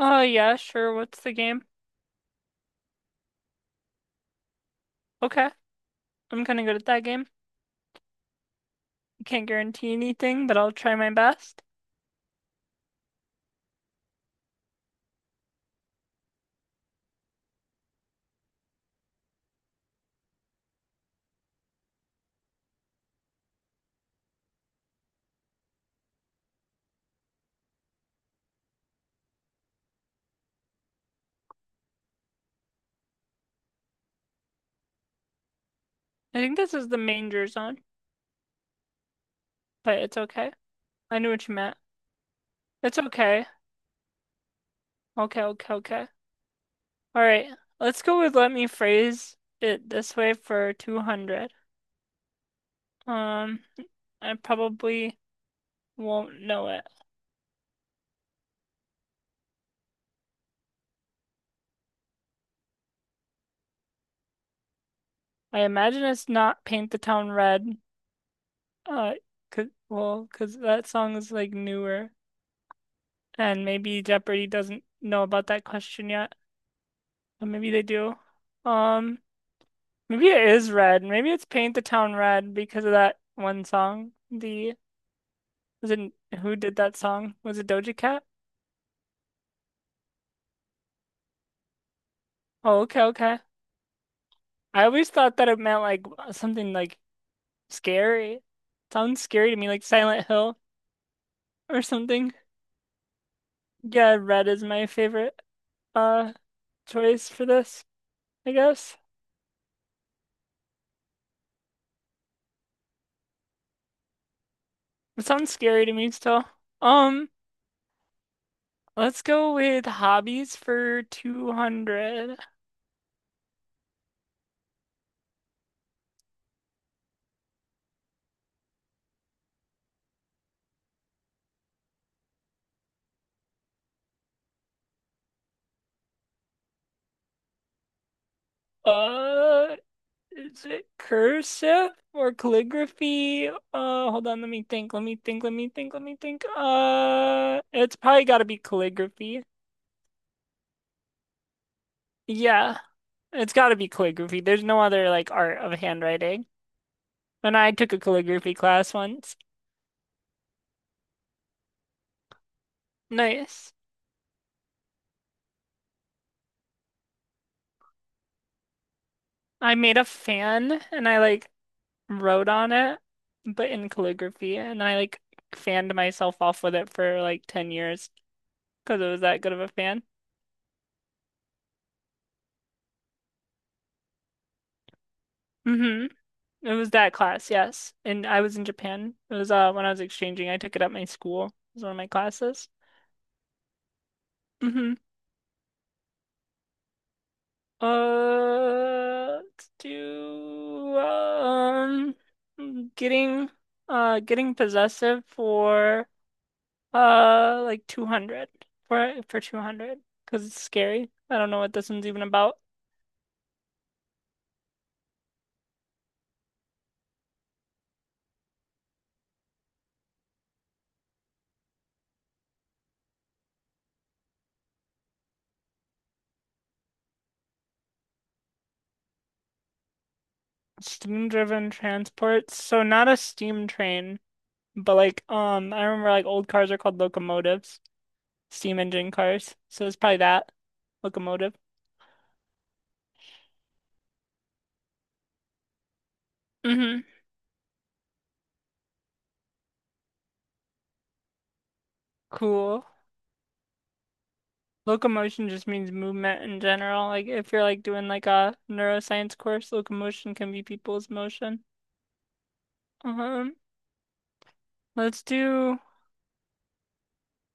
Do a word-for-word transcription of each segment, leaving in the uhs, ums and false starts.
Oh, yeah, sure. What's the game? Okay, I'm kind of good at that game. I can't guarantee anything, but I'll try my best. I think this is the manger zone, but it's okay. I knew what you meant. It's okay. Okay, okay, okay. All right, let's go with let me phrase it this way for two hundred. Um, I probably won't know it. I imagine it's not Paint the Town Red. Uh, Uh, 'Cause, well, 'cause that song is like newer, and maybe Jeopardy doesn't know about that question yet. Uh, Maybe they do. Um, Maybe it is red. Maybe it's Paint the Town Red because of that one song. The was it who did that song? Was it Doja Cat? Oh, okay, okay. I always thought that it meant like something like scary. Sounds scary to me, like Silent Hill or something. Yeah, red is my favorite uh choice for this, I guess. It sounds scary to me still. Um, let's go with hobbies for two hundred. Uh, Is it cursive or calligraphy? Uh, hold on, let me think, let me think, let me think, let me think. Uh, it's probably gotta be calligraphy. Yeah, it's gotta be calligraphy. There's no other like art of handwriting. And I took a calligraphy class once. Nice. I made a fan and I like wrote on it, but in calligraphy, and I like fanned myself off with it for like ten years because it was that good of a fan. Hmm. It was that class, yes. And I was in Japan. It was uh when I was exchanging. I took it at my school. It was one of my classes. Mm-hmm. Uh, let's do um getting uh getting possessive for uh like two hundred for for two hundred, because it's scary. I don't know what this one's even about. Steam-driven transports. So not a steam train, but like um I remember like old cars are called locomotives, steam engine cars. So it's probably that, locomotive. Hmm. Cool. Locomotion just means movement in general. Like if you're like doing like a neuroscience course, locomotion can be people's motion. Um, let's do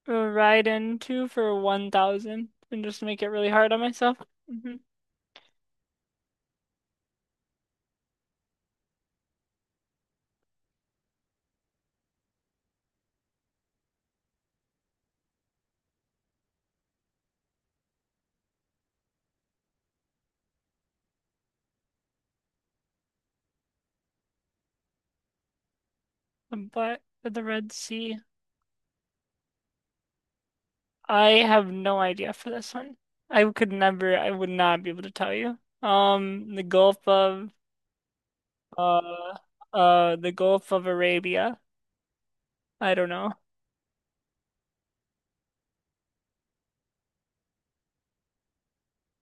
a ride into for one thousand and just make it really hard on myself. Hmm. But for the Red Sea, I have no idea for this one. I could never, I would not be able to tell you. Um, the Gulf of Uh, uh, the Gulf of Arabia. I don't know.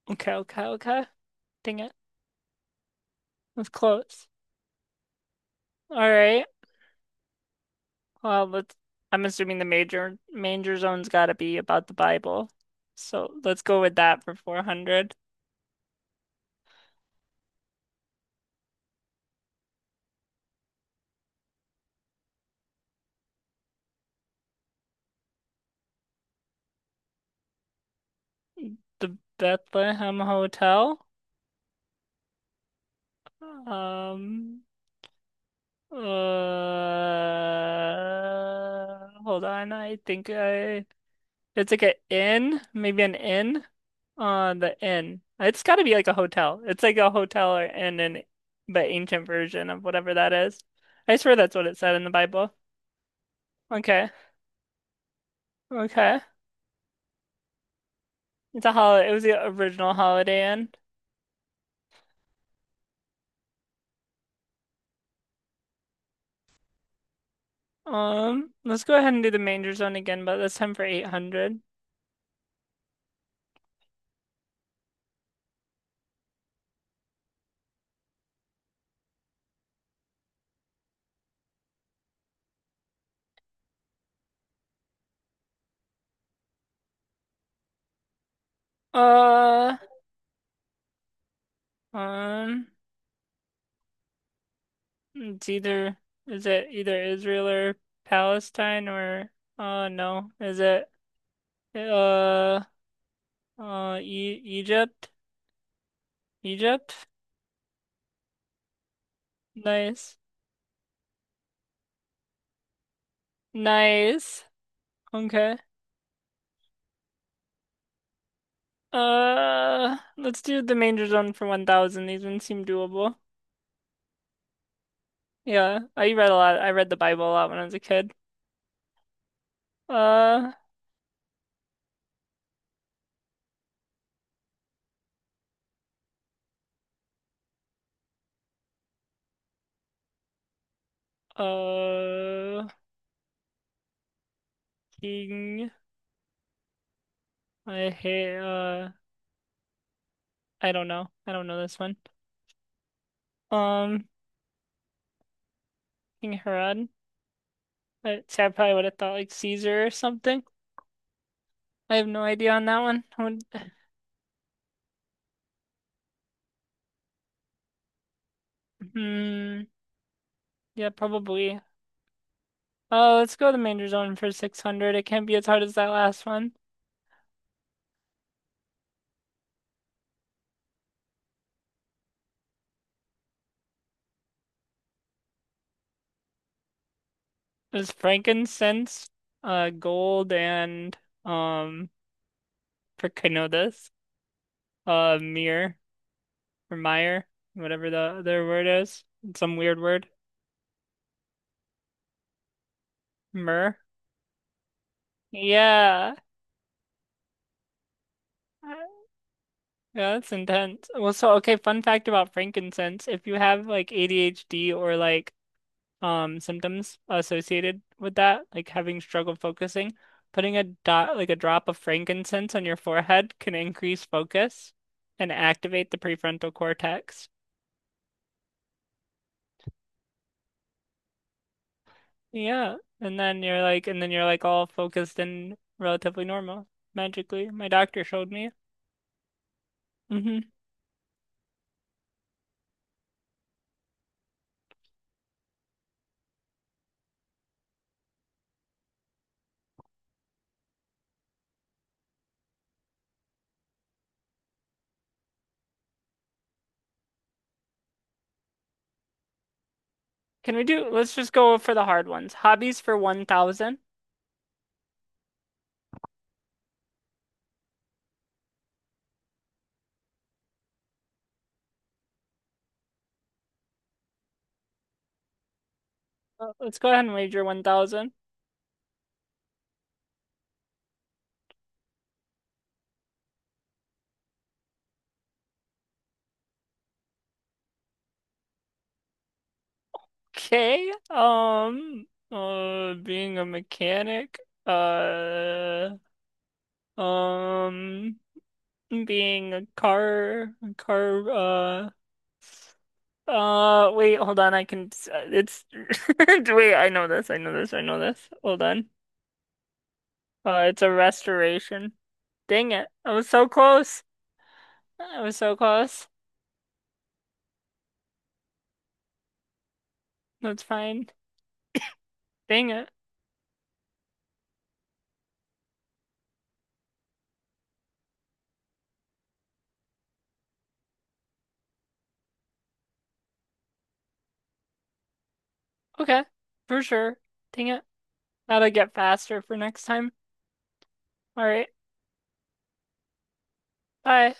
Okay, okay, okay. Dang it. That's close. All right. Well, let's. I'm assuming the major major zone's got to be about the Bible. So let's go with that for four hundred. The Bethlehem Hotel. Um, uh, Hold on. I think I It's like an inn, maybe an inn on the inn. It's got to be like a hotel. It's like a hotel or inn in the ancient version of whatever that is. I swear that's what it said in the Bible. Okay. Okay. It's a holiday. It was the original Holiday Inn. Um, let's go ahead and do the manger zone again, but this time for eight hundred. Uh, um, it's either, is it either Israel or Palestine or uh no, is it uh Uh, E Egypt, Egypt. Nice, nice. Okay. Uh, let's do the manger zone for one thousand. These ones seem doable. Yeah, I read a lot. I read the Bible a lot when I was a kid. Uh, uh, King. I hate. Uh, I don't know. I don't know this one. Um, King Herod. I, see, I probably would have thought like Caesar or something. I have no idea on that one. I would, hmm. Yeah, probably. Uh, let's go to Manger Zone for six hundred. It can't be as hard as that last one. It was frankincense, uh, gold, and um, for Kenodas, uh, mir or mire, whatever the other word is, some weird word, myrrh. Yeah, yeah, that's intense. Well, so okay, fun fact about frankincense: if you have like A D H D or like um symptoms associated with that, like having struggle focusing. Putting a dot like a drop of frankincense on your forehead can increase focus and activate the prefrontal cortex. Yeah, and then you're like and then you're like all focused and relatively normal magically. My doctor showed me. Hmm. Can we do Let's just go for the hard ones. Hobbies for one thousand. Uh, Let's go ahead and wager one thousand. Okay. Um uh being a mechanic. Uh Um, being a car, car, uh, uh, wait, hold on. I can, it's, wait, I know this. I know this. I know this. Hold on. Uh, it's a restoration. Dang it. I was so close. I was so close. That's fine. Dang it. Okay. For sure. Dang it. That'll get faster for next time. All right. Bye.